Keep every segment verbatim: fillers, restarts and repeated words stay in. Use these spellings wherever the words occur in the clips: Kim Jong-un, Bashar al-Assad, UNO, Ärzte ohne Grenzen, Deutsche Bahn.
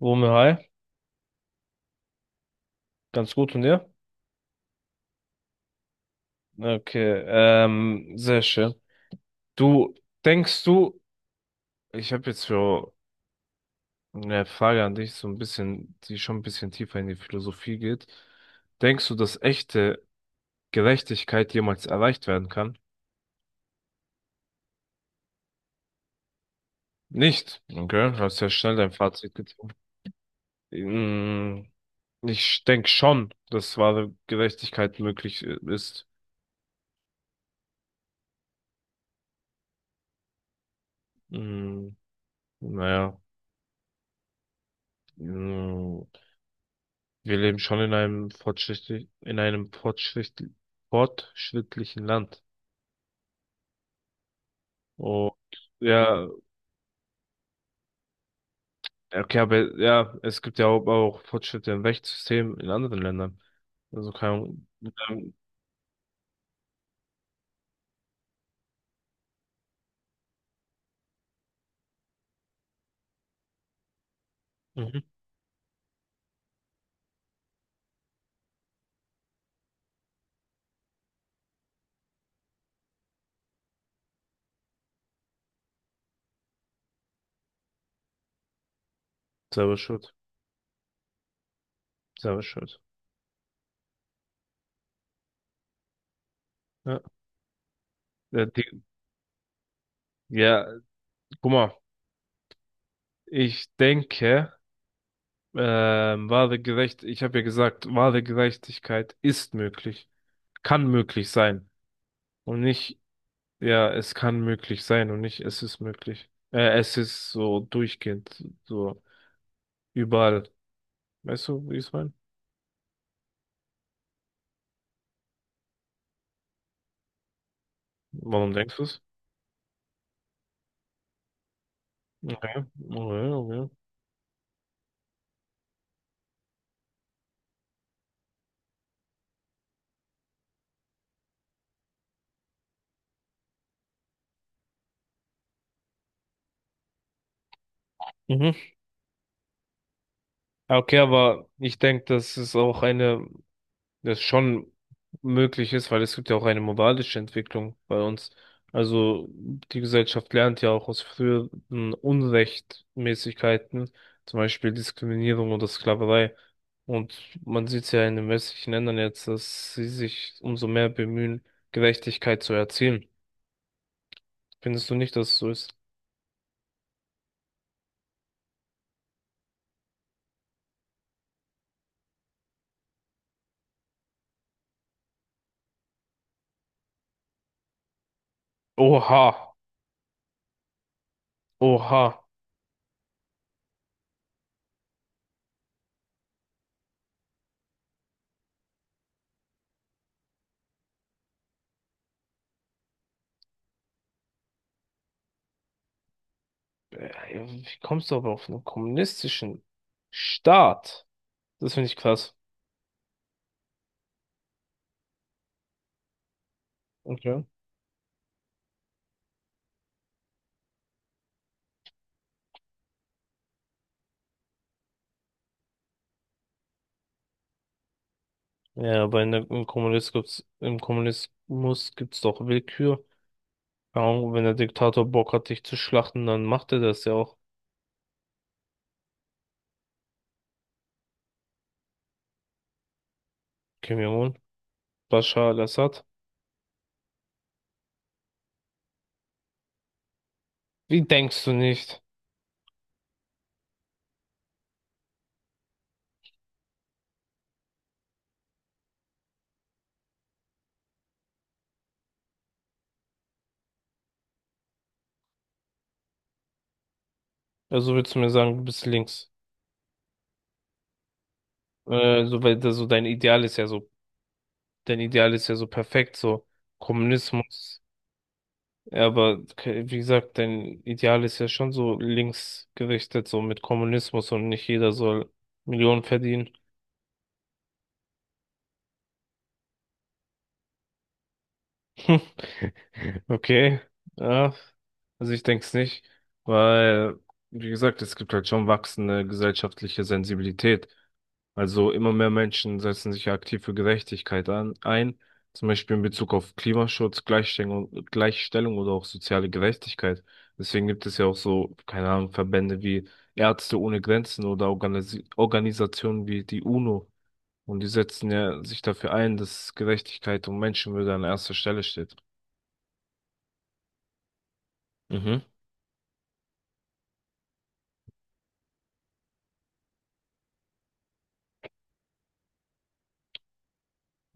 Wurme, hi. Ganz gut und dir? Okay, ähm, sehr schön. Du, denkst du, ich habe jetzt für eine Frage an dich, so ein bisschen, die schon ein bisschen tiefer in die Philosophie geht. Denkst du, dass echte Gerechtigkeit jemals erreicht werden kann? Nicht. Okay, hast ja schnell dein Fazit gezogen. Mm, ich denke schon, dass wahre Gerechtigkeit möglich äh, ist. Mm, naja. Mm, wir leben schon in einem fortschrittlich, in einem fortschritt, fortschrittlichen Land. Und ja, okay, aber ja, es gibt ja auch, auch Fortschritte im Rechtssystem in anderen Ländern. Also keine Ahnung. Ähm, mhm. Selber schuld. Selber schuld. Ja, ja, die, ja, guck mal, ich denke, ähm, wahre Gerecht, ich habe ja gesagt, wahre Gerechtigkeit ist möglich, kann möglich sein. Und nicht. Ja, es kann möglich sein und nicht, es ist möglich. Äh, es ist so durchgehend, so überall. Weißt du, wie ich es meine? Warum denkst du es? Okay, okay, okay. Mhm. Okay, aber ich denke, das ist auch eine. Das schon möglich ist, weil es gibt ja auch eine moralische Entwicklung bei uns. Also die Gesellschaft lernt ja auch aus früheren Unrechtmäßigkeiten, zum Beispiel Diskriminierung oder Sklaverei. Und man sieht es ja in den westlichen Ländern jetzt, dass sie sich umso mehr bemühen, Gerechtigkeit zu erzielen. Findest du nicht, dass es so ist? Oha, oha. Äh, Wie kommst du aber auf einen kommunistischen Staat? Das finde ich krass. Okay. Ja, aber in der, im Kommunismus gibt's, im Kommunismus gibt's doch Willkür. Keine Ahnung, wenn der Diktator Bock hat, dich zu schlachten, dann macht er das ja auch. Kim Jong-un, Bashar al-Assad. Wie denkst du nicht? Also willst du mir sagen, du bist links? Äh, so, weil das so dein Ideal ist ja so, dein Ideal ist ja so perfekt, so Kommunismus. Ja, aber ke- wie gesagt, dein Ideal ist ja schon so links gerichtet, so mit Kommunismus und nicht jeder soll Millionen verdienen. Okay, ja, also ich denke es nicht, weil, wie gesagt, es gibt halt schon wachsende gesellschaftliche Sensibilität. Also immer mehr Menschen setzen sich ja aktiv für Gerechtigkeit an, ein, zum Beispiel in Bezug auf Klimaschutz, Gleichstellung, Gleichstellung oder auch soziale Gerechtigkeit. Deswegen gibt es ja auch so, keine Ahnung, Verbände wie Ärzte ohne Grenzen oder Organisi Organisationen wie die UNO. Und die setzen ja sich dafür ein, dass Gerechtigkeit und Menschenwürde an erster Stelle steht. Mhm.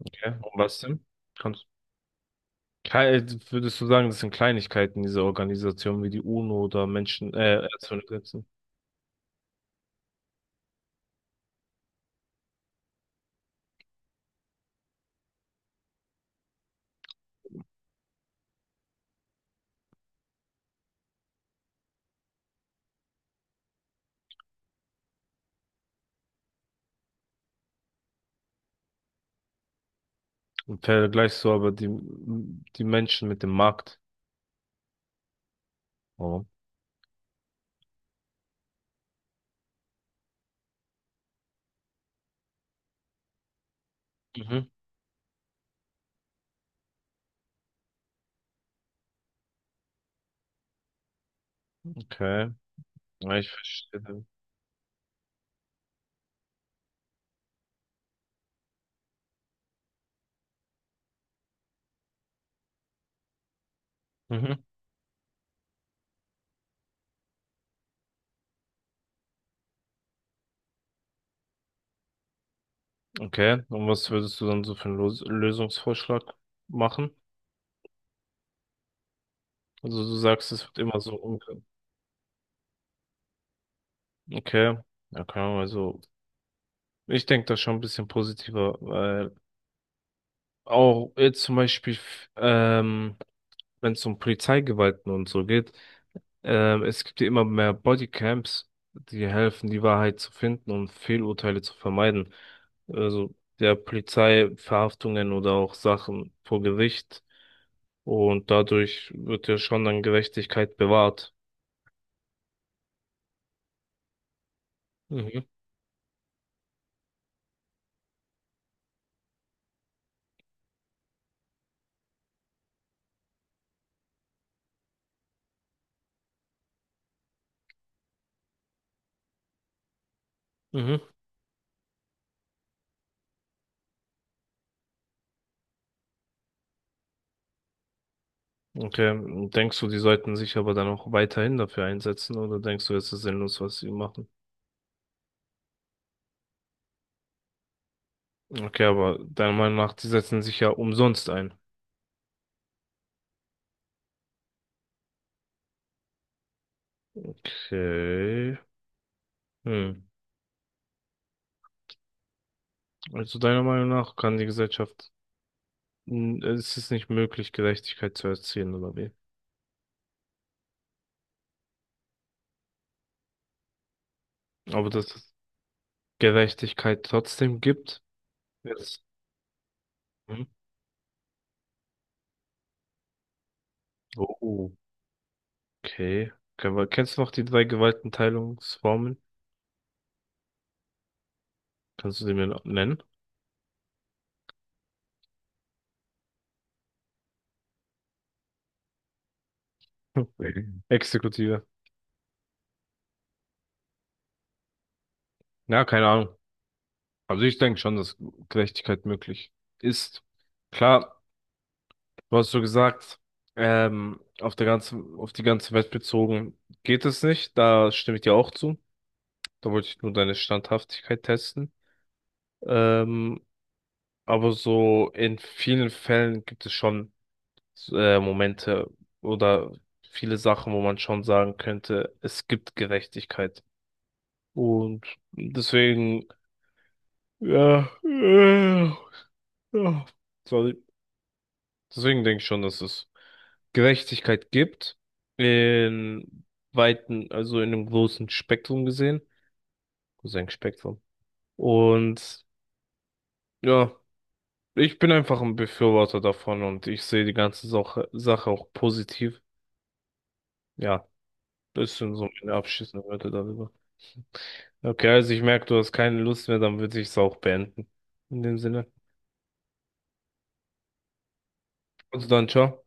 Ja, um was denn? Kannst, Klei- äh, würdest du sagen, das sind Kleinigkeiten dieser Organisation wie die UNO oder Menschen, äh, Ärzte ohne Grenzen? Und vergleichst du aber die, die Menschen mit dem Markt? Oh. Mhm, okay. Ja, ich verstehe. Mhm, okay. Und was würdest du dann so für einen Los Lösungsvorschlag machen? Also du sagst, es wird immer so umgehen. Okay. Ja, keine Ahnung, also ich denke da schon ein bisschen positiver, weil auch jetzt zum Beispiel, f- ähm, wenn es um Polizeigewalten und so geht, ähm, es gibt ja immer mehr Bodycams, die helfen, die Wahrheit zu finden und Fehlurteile zu vermeiden. Also der Polizei Verhaftungen oder auch Sachen vor Gericht. Und dadurch wird ja schon dann Gerechtigkeit bewahrt. Mhm. Mhm. Okay. Denkst du, die sollten sich aber dann auch weiterhin dafür einsetzen oder denkst du, es ist sinnlos, was sie machen? Okay, aber deiner Meinung nach, die setzen sich ja umsonst ein. Okay. Hm. Also deiner Meinung nach kann die Gesellschaft, n- es ist nicht möglich, Gerechtigkeit zu erzielen, oder wie? Aber dass es Gerechtigkeit trotzdem gibt, jetzt. Hm? Oh, okay. Ke- aber kennst du noch die drei Gewaltenteilungsformen? Kannst du die mir noch nennen? Hm. Mhm. Exekutive. Ja, keine Ahnung. Also ich denke schon, dass Gerechtigkeit möglich ist. Klar, du hast so gesagt, ähm, auf der ganzen, auf die ganze Welt bezogen geht es nicht. Da stimme ich dir auch zu. Da wollte ich nur deine Standhaftigkeit testen. Ähm, aber so in vielen Fällen gibt es schon äh, Momente oder viele Sachen, wo man schon sagen könnte, es gibt Gerechtigkeit. Und deswegen, ja, äh, ja, sorry. Deswegen denke ich schon, dass es Gerechtigkeit gibt. In weiten, also in einem großen Spektrum gesehen. Großes Spektrum. Und ja. Ich bin einfach ein Befürworter davon und ich sehe die ganze Sache, Sache auch positiv. Ja, das sind so meine abschließenden Wörter darüber. Okay, also ich merke, du hast keine Lust mehr, dann würde ich es auch beenden. In dem Sinne. Also dann, ciao.